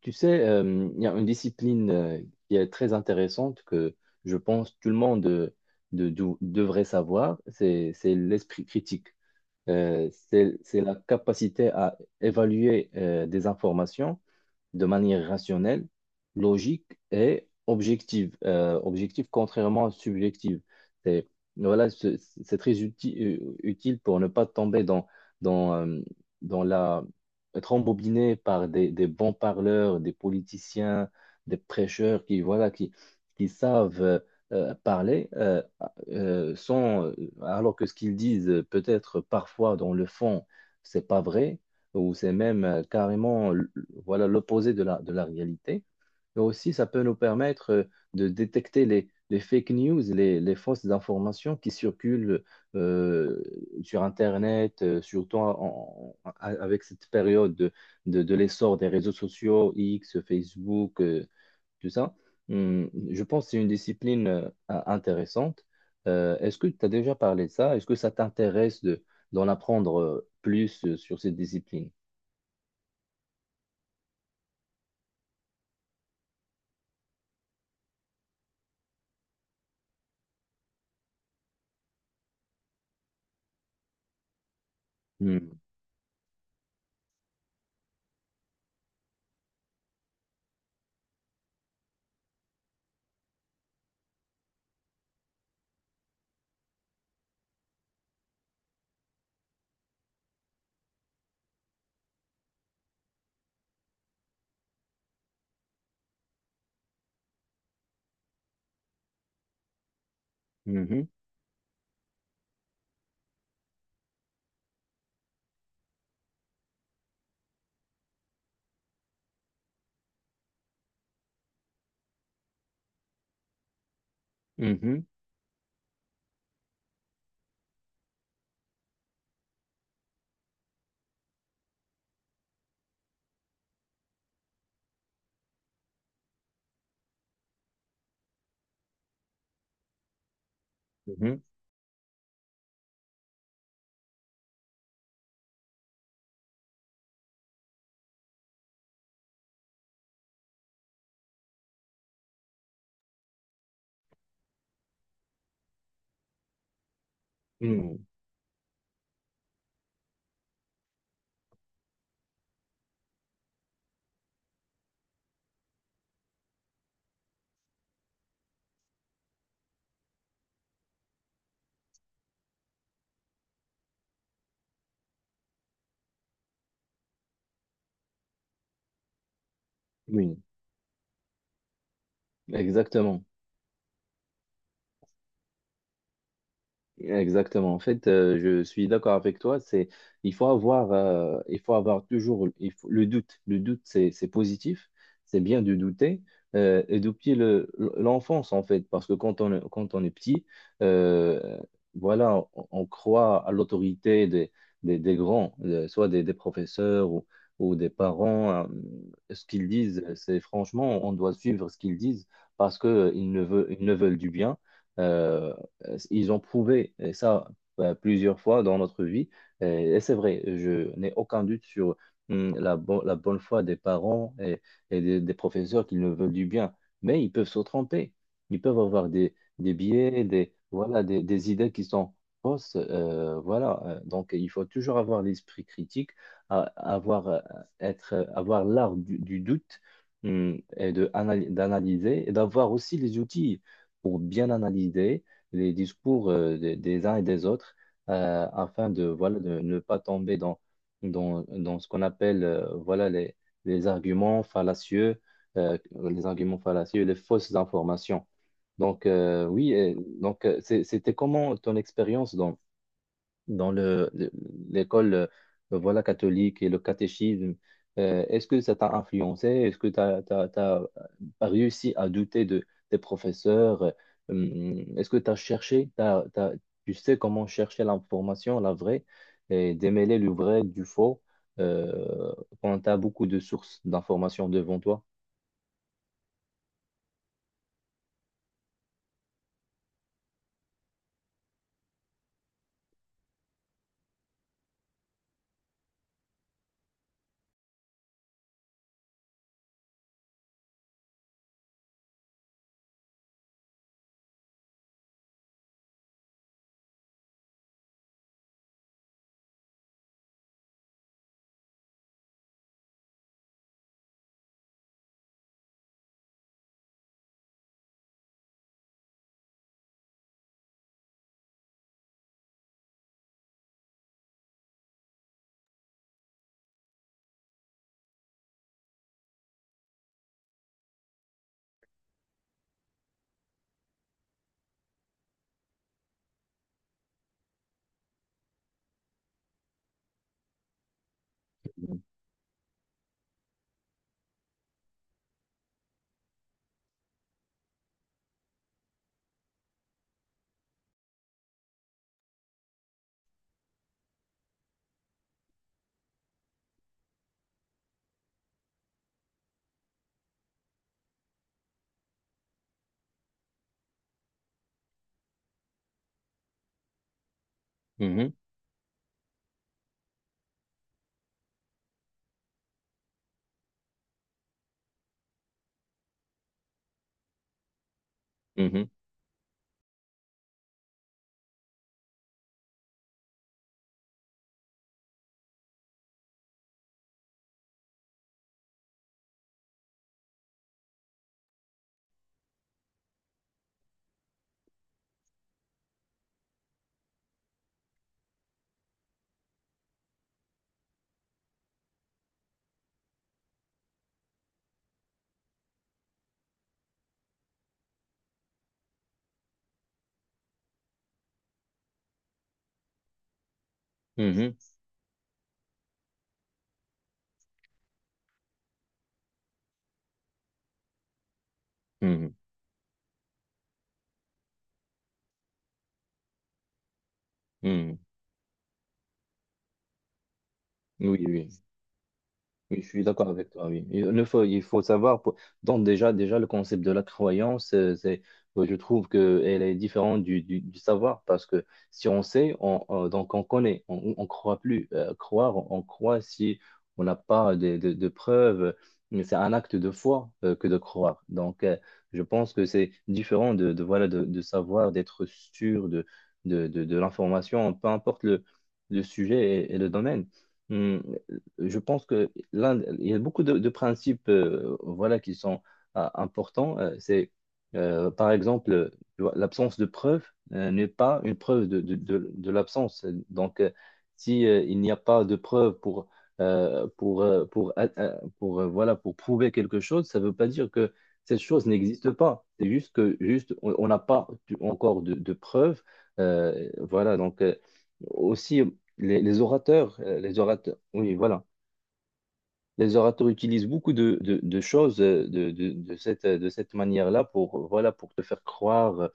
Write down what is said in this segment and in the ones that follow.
Tu sais, il y a une discipline qui est très intéressante que je pense tout le monde devrait savoir, c'est l'esprit critique. C'est la capacité à évaluer des informations de manière rationnelle, logique et objective. Objective contrairement à subjective. C'est, voilà, c'est C'est très utile pour ne pas tomber dans, euh, dans... être embobiné par des bons parleurs, des politiciens, des prêcheurs qui savent parler sans, alors que ce qu'ils disent peut-être parfois dans le fond, c'est pas vrai ou c'est même carrément voilà l'opposé de de la réalité. Mais aussi, ça peut nous permettre de détecter les fake news, les fausses informations qui circulent euh, sur Internet, surtout avec cette période de l'essor des réseaux sociaux, X, Facebook, tout ça. Je pense que c'est une discipline intéressante. Est-ce que tu as déjà parlé de ça? Est-ce que ça t'intéresse d'en apprendre plus sur cette discipline? Hum, mhm, mhm. Mhm. Mhm. Oui, exactement. Exactement. En fait, je suis d'accord avec toi. C'est, il faut avoir, le doute. Le doute, c'est positif. C'est bien de douter. Et depuis l'enfance, en fait, parce que quand on est petit, euh, on croit à l'autorité des grands, soit des professeurs ou des parents. Ce qu'ils disent, c'est franchement, on doit suivre ce qu'ils disent parce que ils ne veulent du bien. euh, ils ont prouvé et ça plusieurs fois dans notre vie. Et, et c'est vrai, je n'ai aucun doute sur la bonne foi des parents et des professeurs qui ne veulent du bien. Mais ils peuvent se tromper. Ils peuvent avoir des biais, des idées qui sont fausses. Voilà. Donc, il faut toujours avoir l'esprit critique, a- avoir, euh, avoir l'art du doute d'analyser et d'avoir aussi les outils pour bien analyser les discours des uns et des autres afin de, voilà, de ne pas tomber dans ce qu'on appelle voilà, les arguments fallacieux, les fausses informations. Donc, oui, et donc c'était comment ton expérience dans l'école voilà, catholique et le catéchisme, est-ce que ça t'a influencé? Est-ce que tu as réussi à douter de tes professeurs? Est-ce que tu as cherché, tu sais comment chercher l'information, la vraie, et démêler le vrai du faux euh, quand tu as beaucoup de sources d'informations devant toi? Mhm, mhm, mhm, mhm, mhm. Oui, oui. Oui, je suis d'accord avec toi, oui. Il ne faut, il faut savoir, donc déjà, déjà, le concept de la croyance, je trouve qu'elle est différente du savoir, parce que si on sait, donc on connaît, on ne croit plus. Croire, on croit si on n'a pas de preuves, mais c'est un acte de foi que de croire. Donc, je pense que c'est différent de savoir, d'être sûr de l'information, peu importe le sujet et le domaine. Hmm, je pense que l'un, il y a beaucoup de principes voilà, qui sont importants. Par exemple, tu vois, l'absence de preuve n'est pas une preuve de l'absence. Donc, si il n'y a pas de preuve pour, voilà, pour prouver quelque chose, ça ne veut pas dire que cette chose n'existe pas. C'est juste que juste, on n'a pas encore de preuves. Voilà, donc aussi les orateurs, oui, voilà. Les orateurs utilisent beaucoup de choses de cette manière-là pour, voilà, pour te faire croire.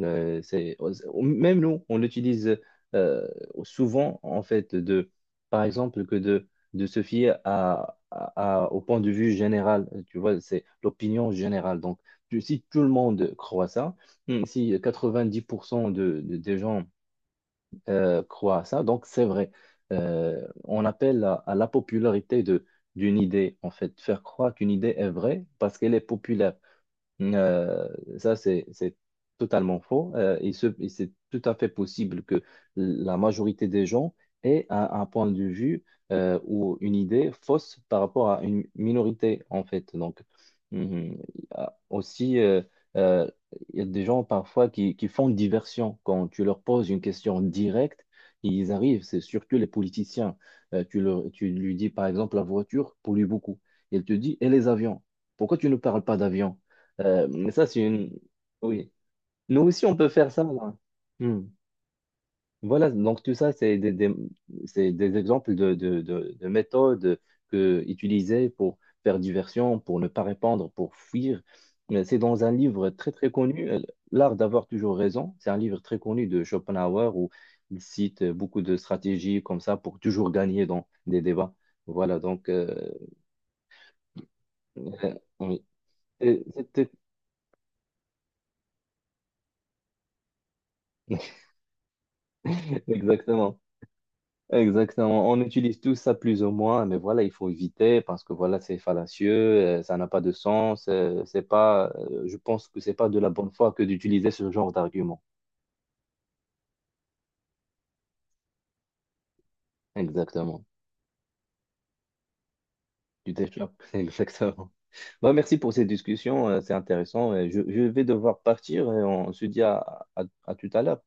euh, c'est, même nous, on l'utilise euh, souvent, en fait, par exemple, de se fier à, au point de vue général. Tu vois, c'est l'opinion générale. Donc, si tout le monde croit ça, si 90% des gens croient à ça. Donc, c'est vrai. On appelle à la popularité d'une idée, en fait, faire croire qu'une idée est vraie parce qu'elle est populaire. Euh, c'est totalement faux. C'est tout à fait possible que la majorité des gens aient un point de vue ou une idée fausse par rapport à une minorité, en fait. Donc, mhm, il y a aussi, euh, il y a des gens parfois qui font diversion. Quand tu leur poses une question directe, ils arrivent, c'est surtout les politiciens. Tu lui dis, par exemple, la voiture pollue beaucoup. Il te dit, et les avions? Pourquoi tu ne parles pas d'avions? Mais ça, c'est une... Oui. Nous aussi, on peut faire ça. Là. Hmm. Voilà, donc tout ça, c'est c'est des exemples de méthodes que, utilisées pour faire diversion, pour ne pas répondre, pour fuir. Mais c'est dans un livre très, très connu, L'art d'avoir toujours raison. C'est un livre très connu de Schopenhauer où il cite beaucoup de stratégies comme ça pour toujours gagner dans des débats. Voilà, donc... oui. Et c'était- exactement. Exactement. On utilise tout ça plus ou moins, mais voilà, il faut éviter parce que voilà, c'est fallacieux, ça n'a pas de sens. C'est pas, je pense que c'est pas de la bonne foi que d'utiliser ce genre d'argument. Exactement. Tu t'échappes. Exactement. Bah, merci pour cette discussion, c'est intéressant. Je vais devoir partir et on se dit à tout à l'heure.